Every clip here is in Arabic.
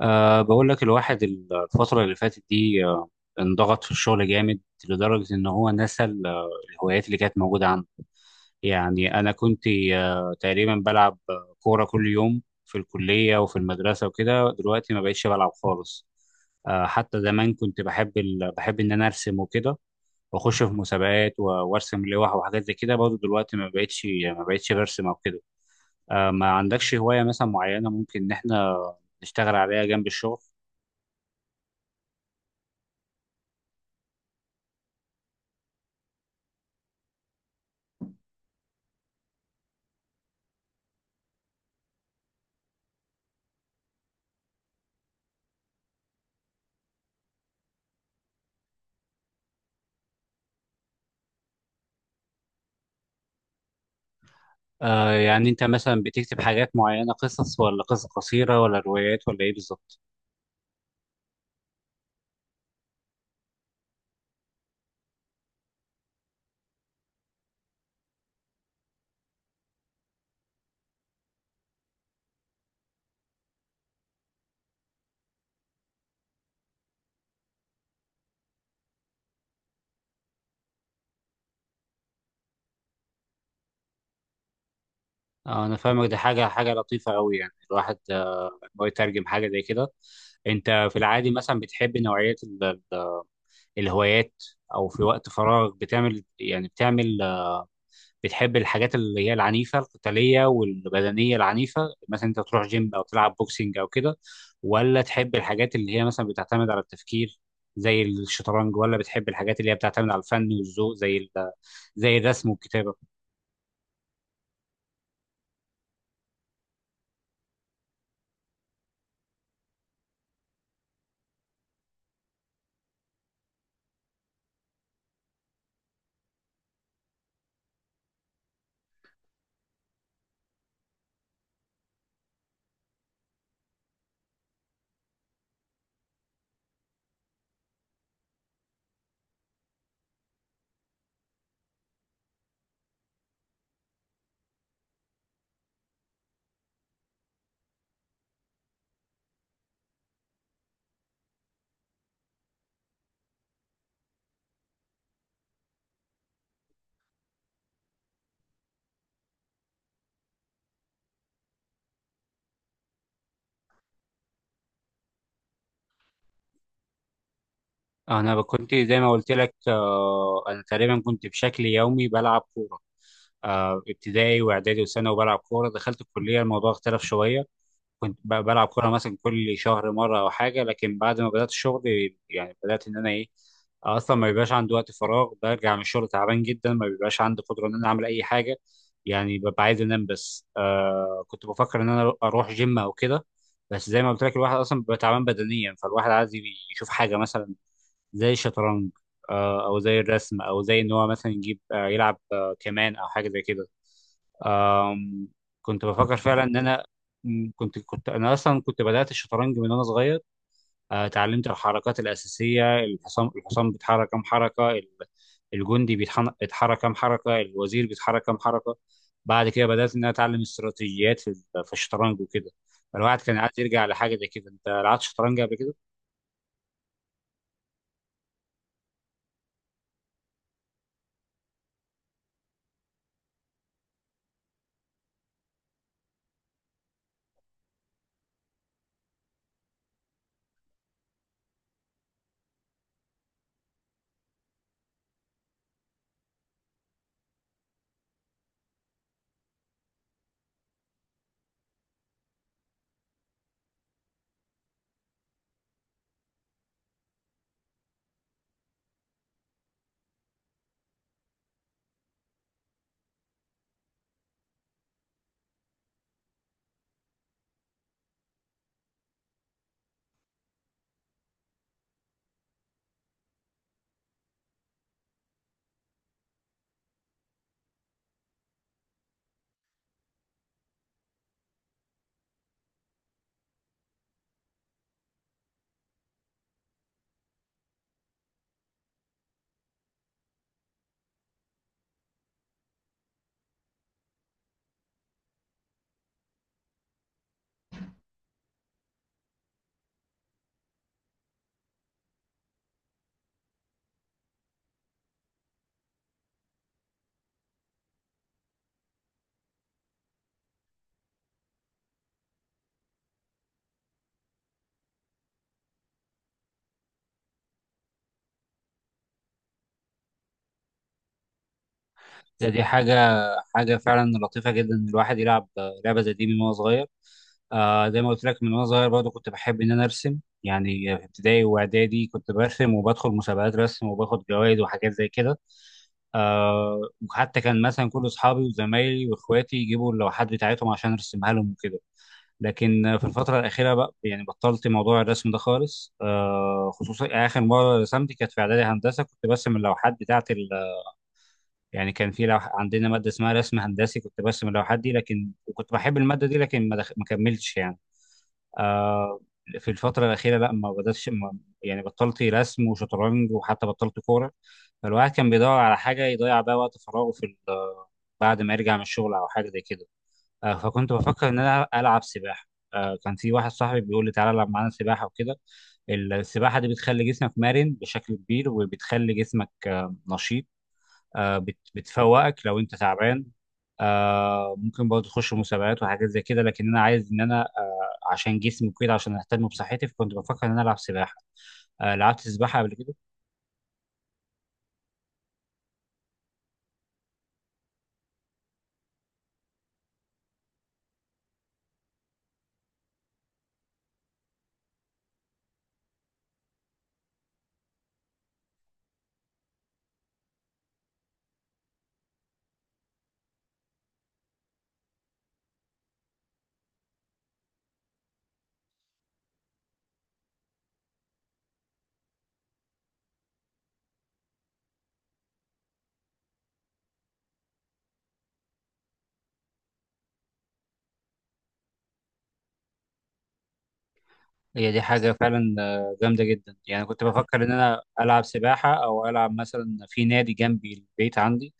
بقول لك الواحد الفترة اللي فاتت دي انضغط في الشغل جامد، لدرجة إن هو نسى الهوايات اللي كانت موجودة عنده. يعني أنا كنت تقريبا بلعب كورة كل يوم في الكلية وفي المدرسة وكده. دلوقتي ما بقتش بلعب خالص. حتى زمان كنت بحب بحب إن أنا أرسم وكده، وأخش في مسابقات وأرسم لوح وحاجات زي كده برضه. دلوقتي ما بقتش برسم أو كده. ما عندكش هواية مثلا معينة ممكن إن إحنا نشتغل عليها جنب الشغل؟ آه يعني انت مثلا بتكتب حاجات معينة، قصص ولا قصص قصيرة ولا روايات ولا ايه بالظبط؟ آه انا فاهمك، دي حاجة لطيفة قوي، يعني الواحد إن هو يترجم حاجة زي كده. انت في العادي مثلا بتحب نوعية ال- الهوايات، او في وقت فراغ بتعمل يعني بتعمل، بتحب الحاجات اللي هي العنيفة القتالية والبدنية العنيفة، مثلا انت تروح جيم او تلعب بوكسينج او كده، ولا تحب الحاجات اللي هي مثلا بتعتمد على التفكير زي الشطرنج، ولا بتحب الحاجات اللي هي بتعتمد على الفن والذوق زي زي الرسم والكتابة؟ انا كنت زي ما قلت لك، انا تقريبا كنت بشكل يومي بلعب كورة، آه، ابتدائي واعدادي وثانوي وبلعب كورة. دخلت الكلية الموضوع اختلف شوية، كنت بلعب كوره مثلا كل شهر مره او حاجه. لكن بعد ما بدات الشغل، يعني بدات ان انا ايه، اصلا ما بيبقاش عندي وقت فراغ. برجع من الشغل تعبان جدا، ما بيبقاش عندي قدره ان انا اعمل اي حاجه، يعني ببقى عايز انام بس. كنت بفكر ان انا اروح جيم او كده. بس زي ما قلت لك الواحد اصلا بيبقى تعبان بدنيا، فالواحد عايز يشوف حاجه مثلا زي الشطرنج، او زي الرسم، او زي ان هو مثلا يجيب يلعب كمان، او حاجه زي كده. آم، كنت بفكر فعلا ان انا، كنت انا اصلا كنت بدات الشطرنج من وانا صغير. اتعلمت الحركات الاساسيه، الحصان بيتحرك كام حركه، الجندي بيتحرك كام حركه، الوزير بيتحرك كام حركه. بعد كده بدات ان انا اتعلم استراتيجيات في في الشطرنج وكده. فالواحد كان عايز يرجع لحاجه زي كده. انت لعبت شطرنج قبل كده؟ دي حاجة فعلا لطيفة جدا، إن الواحد يلعب لعبة زي دي من وهو صغير. آه زي ما قلت لك، من وأنا صغير برضه كنت بحب إن أنا أرسم، يعني في ابتدائي وإعدادي كنت برسم وبدخل مسابقات رسم وباخد جوائز وحاجات زي كده. آه، وحتى كان مثلا كل أصحابي وزمايلي وإخواتي يجيبوا اللوحات بتاعتهم عشان أرسمها لهم وكده. لكن آه، في الفترة الأخيرة بقى يعني بطلت موضوع الرسم ده خالص. خصوصا آخر مرة رسمت كانت في إعدادي هندسة، كنت برسم اللوحات بتاعة، يعني كان في عندنا ماده اسمها رسم هندسي، كنت برسم اللوحات دي. لكن وكنت بحب الماده دي، لكن ما كملتش يعني. آه... في الفتره الاخيره لا، ما بداتش ما... يعني بطلت رسم وشطرنج وحتى بطلت كوره. فالواحد كان بيدور على حاجه يضيع بيها وقت فراغه بعد ما يرجع من الشغل او حاجه زي كده. فكنت بفكر ان انا العب سباحه. كان في واحد صاحبي بيقول لي تعالى العب معانا سباحه وكده. السباحه دي بتخلي جسمك مرن بشكل كبير، وبتخلي جسمك نشيط، بتفوقك لو انت تعبان. آه، ممكن برضه تخش مسابقات وحاجات زي كده، لكن انا عايز ان انا آه، عشان جسمي وكده، عشان اهتم بصحتي، فكنت بفكر ان انا العب سباحه. آه، لعبت سباحه قبل كده؟ هي دي حاجه فعلا جامده جدا. يعني كنت بفكر ان انا العب سباحه، او العب مثلا في نادي جنبي البيت عندي.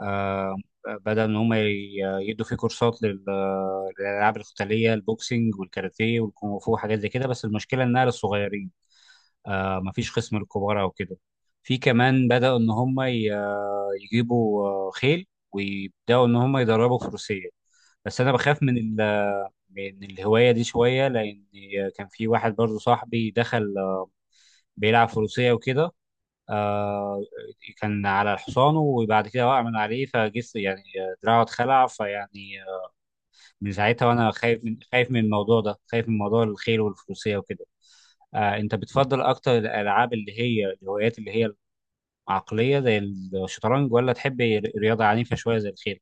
آه، بدل ان هم يدوا فيه كورسات للالعاب القتاليه، البوكسنج والكاراتيه والكونغ فو وحاجات زي كده. بس المشكله انها للصغيرين، آه، مفيش خصم للكبارة وكده. في كمان بدأوا إن هم يجيبوا خيل، ويبدأوا إن هم يدربوا فروسية. بس أنا بخاف من من الهواية دي شوية، لأن كان في واحد برضو صاحبي دخل آه، بيلعب فروسية وكده. آه، كان على حصانه وبعد كده وقع من عليه فجس، يعني آه، دراعه اتخلع، فيعني آه، من ساعتها وأنا خايف، من الموضوع ده، خايف من موضوع الخيل والفروسية وكده. آه أنت بتفضل أكتر الألعاب اللي هي الهوايات اللي هي عقلية زي الشطرنج، ولا تحب رياضة عنيفة شوية زي الخيل؟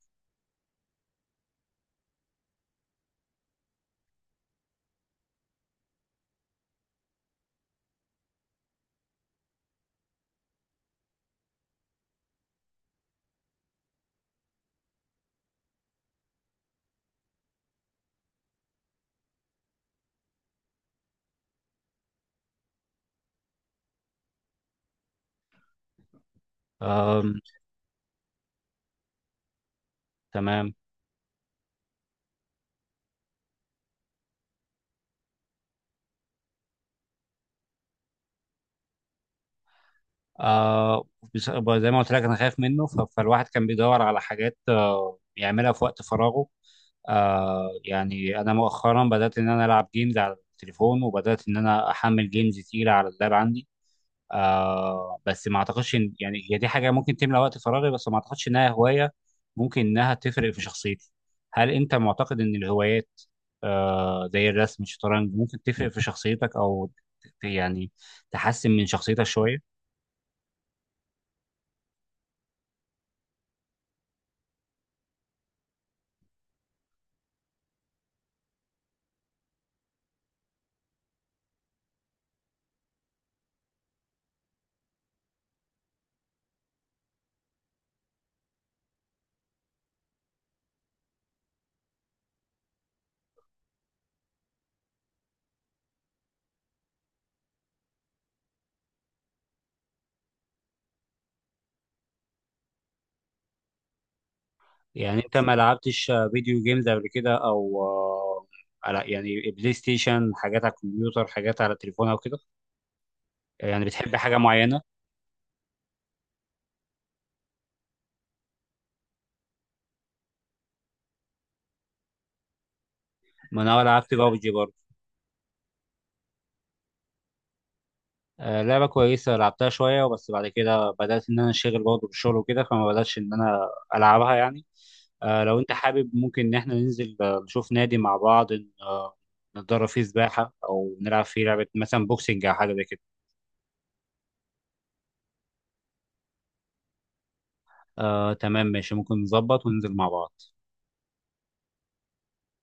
أم، تمام. أه بس- زي ما قلت لك أنا خايف منه، فالواحد كان بيدور على حاجات يعملها في وقت فراغه. يعني أنا مؤخرا بدأت إن أنا ألعب جيمز على التليفون، وبدأت إن أنا أحمل جيمز تقيلة على اللاب عندي. آه بس ما اعتقدش يعني هي دي حاجه ممكن تملى وقت فراغي، بس ما اعتقدش انها هوايه ممكن انها تفرق في شخصيتي. هل انت معتقد ان الهوايات آه زي الرسم الشطرنج ممكن تفرق في شخصيتك، او يعني تحسن من شخصيتك شويه؟ يعني انت ما لعبتش فيديو جيمز قبل كده، او آه على يعني بلاي ستيشن، حاجات على الكمبيوتر، حاجات على التليفون او كده؟ يعني بتحب حاجه معينه؟ ما انا لعبت بابجي برضه. آه، لعبة كويسة، لعبتها شوية وبس. بعد كده بدأت إن أنا أنشغل برضه بالشغل وكده، فما بدأتش إن أنا ألعبها يعني. آه، لو أنت حابب ممكن إن إحنا ننزل آه، نشوف نادي مع بعض، نتدرب فيه سباحة، أو نلعب فيه لعبة مثلا بوكسنج أو حاجة زي كده. آه، تمام ماشي، ممكن نظبط وننزل مع بعض.